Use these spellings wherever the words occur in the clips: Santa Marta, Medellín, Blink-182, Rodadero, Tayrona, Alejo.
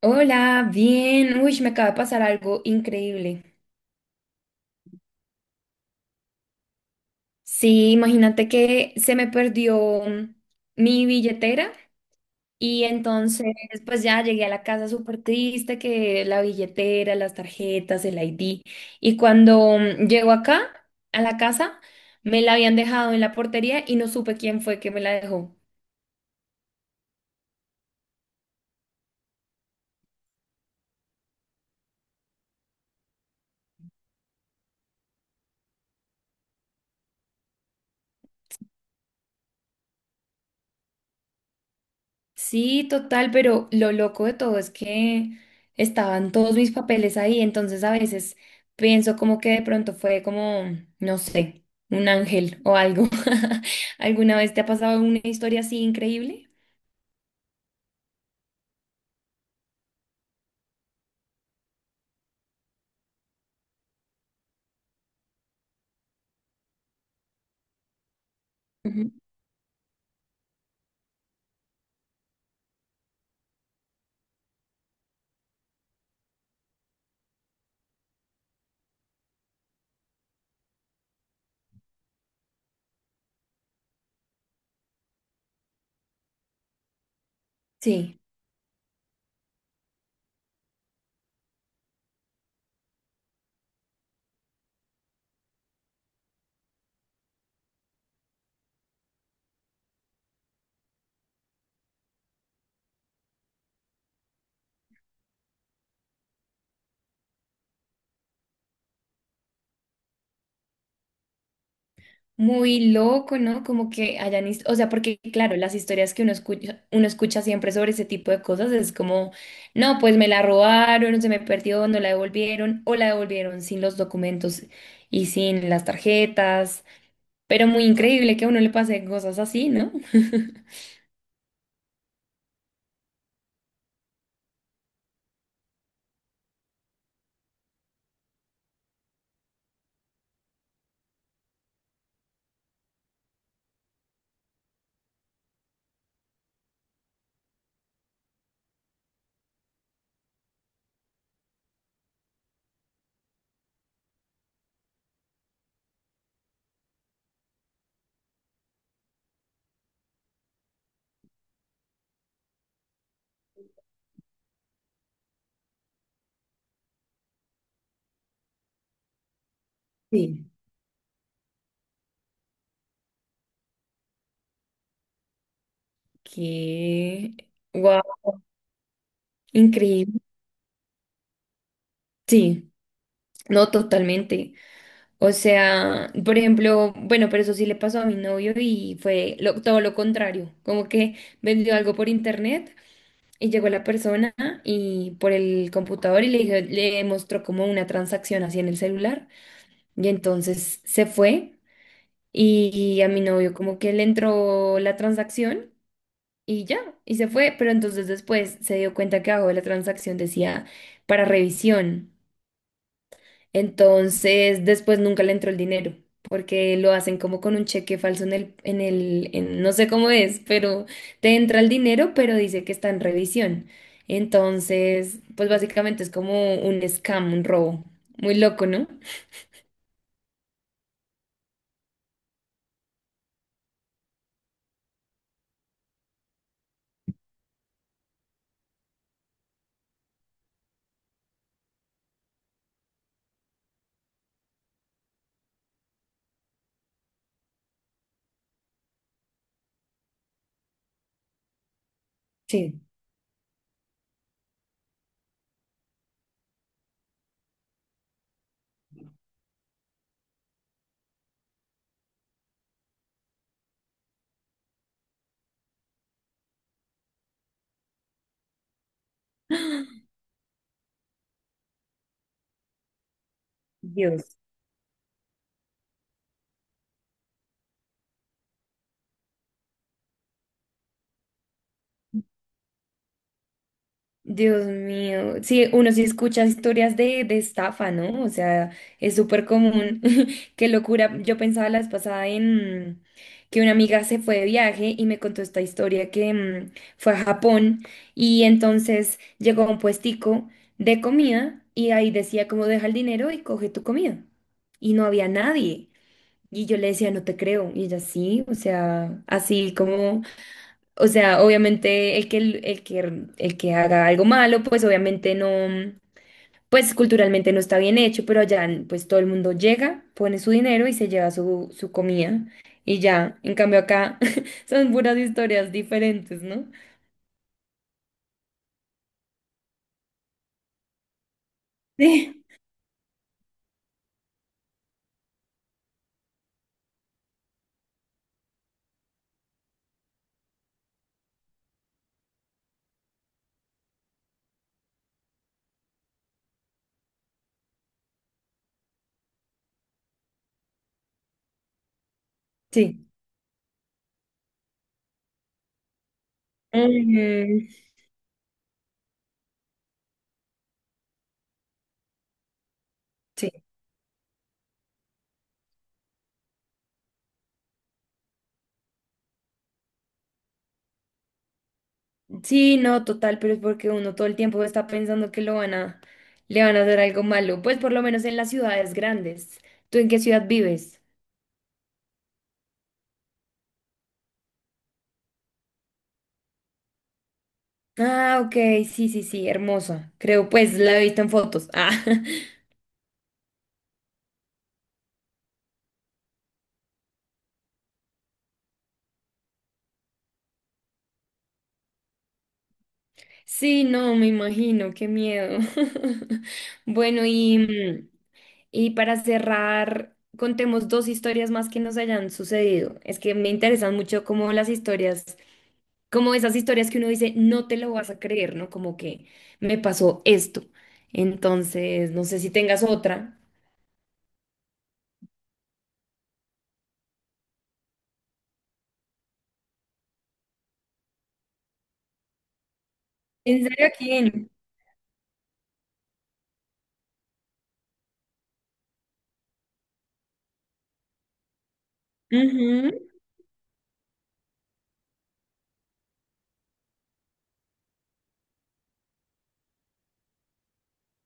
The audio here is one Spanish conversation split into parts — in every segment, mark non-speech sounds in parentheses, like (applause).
Hola, bien. Uy, me acaba de pasar algo increíble. Sí, imagínate que se me perdió mi billetera. Y entonces pues ya llegué a la casa súper triste que la billetera, las tarjetas, el ID. Y cuando llego acá a la casa, me la habían dejado en la portería y no supe quién fue que me la dejó. Sí, total, pero lo loco de todo es que estaban todos mis papeles ahí, entonces a veces pienso como que de pronto fue como, no sé, un ángel o algo. (laughs) ¿Alguna vez te ha pasado una historia así increíble? Ujú. Sí. Muy loco, ¿no? Como que hayan, o sea, porque claro, las historias que uno escucha siempre sobre ese tipo de cosas es como, no, pues me la robaron, se me perdió, no la devolvieron, o la devolvieron sin los documentos y sin las tarjetas, pero muy increíble que a uno le pase cosas así, ¿no? Sí. (laughs) Que, wow, increíble. Sí. No, totalmente. O sea, por ejemplo, bueno, pero eso sí le pasó a mi novio y fue todo lo contrario, como que vendió algo por internet y llegó la persona y por el computador y le mostró como una transacción así en el celular y entonces se fue y a mi novio como que le entró la transacción y ya, y se fue, pero entonces después se dio cuenta que abajo de la transacción decía para revisión. Entonces, después nunca le entró el dinero, porque lo hacen como con un cheque falso no sé cómo es, pero te entra el dinero, pero dice que está en revisión. Entonces, pues básicamente es como un scam, un robo. Muy loco, ¿no? Sí, Dios. Dios mío, sí, uno sí escucha historias de estafa, ¿no? O sea, es súper común. (laughs) Qué locura. Yo pensaba la vez pasada en que una amiga se fue de viaje y me contó esta historia que fue a Japón y entonces llegó a un puestico de comida y ahí decía como deja el dinero y coge tu comida. Y no había nadie. Y yo le decía, no te creo. Y ella sí, o sea, así como o sea, obviamente el que haga algo malo, pues obviamente no, pues culturalmente no está bien hecho, pero allá pues todo el mundo llega, pone su dinero y se lleva su comida y ya. En cambio acá (laughs) son puras historias diferentes, ¿no? (laughs) Sí. Sí. Mm, sí. Sí, no, total, pero es porque uno todo el tiempo está pensando que lo van a, le van a hacer algo malo, pues por lo menos en las ciudades grandes. ¿Tú en qué ciudad vives? Ah, ok, sí, sí, sí, hermosa. Creo, pues la he visto en fotos. Ah, (laughs) sí, no, me imagino, qué miedo. (laughs) Bueno, y, y para cerrar, contemos dos historias más que nos hayan sucedido. Es que me interesan mucho como las historias, como esas historias que uno dice, no te lo vas a creer, ¿no? Como que me pasó esto. Entonces, no sé si tengas otra. ¿En serio quién? Ujú.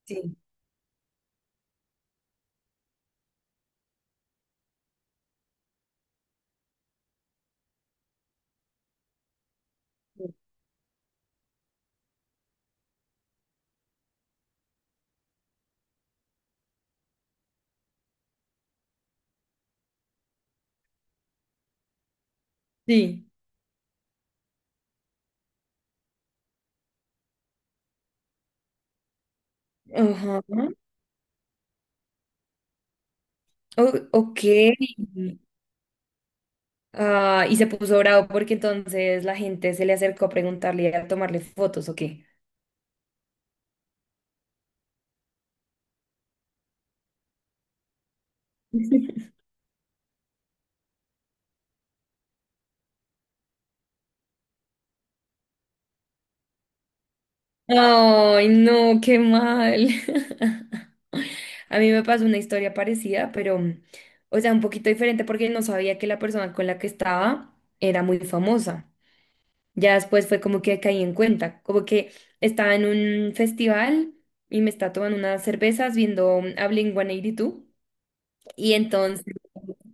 Sí. Sí. Ajá. Ok. Ah, y se puso bravo porque entonces la gente se le acercó a preguntarle y a tomarle fotos, ¿o qué? (laughs) Ay, no, qué mal. (laughs) A mí me pasó una historia parecida, pero, o sea, un poquito diferente porque no sabía que la persona con la que estaba era muy famosa. Ya después fue como que caí en cuenta, como que estaba en un festival y me está tomando unas cervezas viendo a Blink-182. Y dos. Y entonces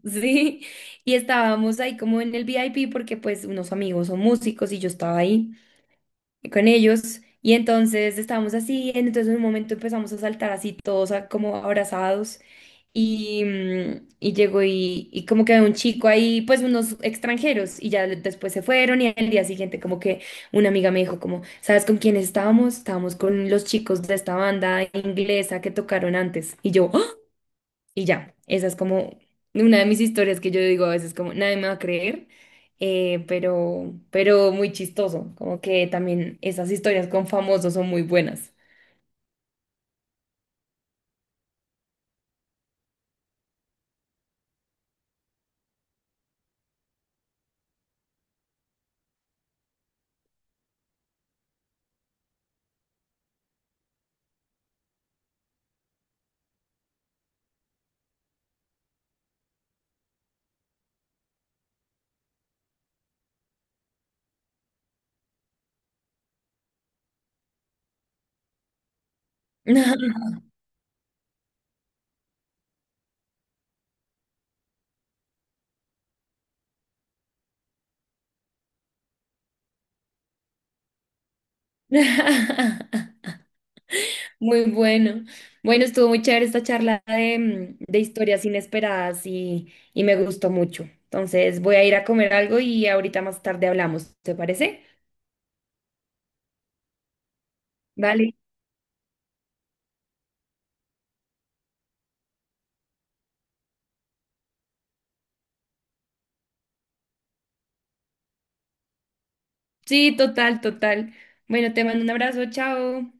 sí, y estábamos ahí como en el VIP porque pues unos amigos son músicos y yo estaba ahí con ellos y entonces estábamos así, entonces en un momento empezamos a saltar así todos como abrazados y, y llegó y como que había un chico ahí, pues unos extranjeros y ya después se fueron y al día siguiente como que una amiga me dijo como, ¿sabes con quién estábamos? Estábamos con los chicos de esta banda inglesa que tocaron antes y yo... Y ya, esa es como una de mis historias que yo digo a veces como nadie me va a creer, pero muy chistoso, como que también esas historias con famosos son muy buenas. (laughs) Muy bueno. Bueno, estuvo muy chévere esta charla de, de historias inesperadas y me gustó mucho. Entonces voy a ir a comer algo y ahorita más tarde hablamos, ¿te parece? Vale. Sí, total, total. Bueno, te mando un abrazo, chao.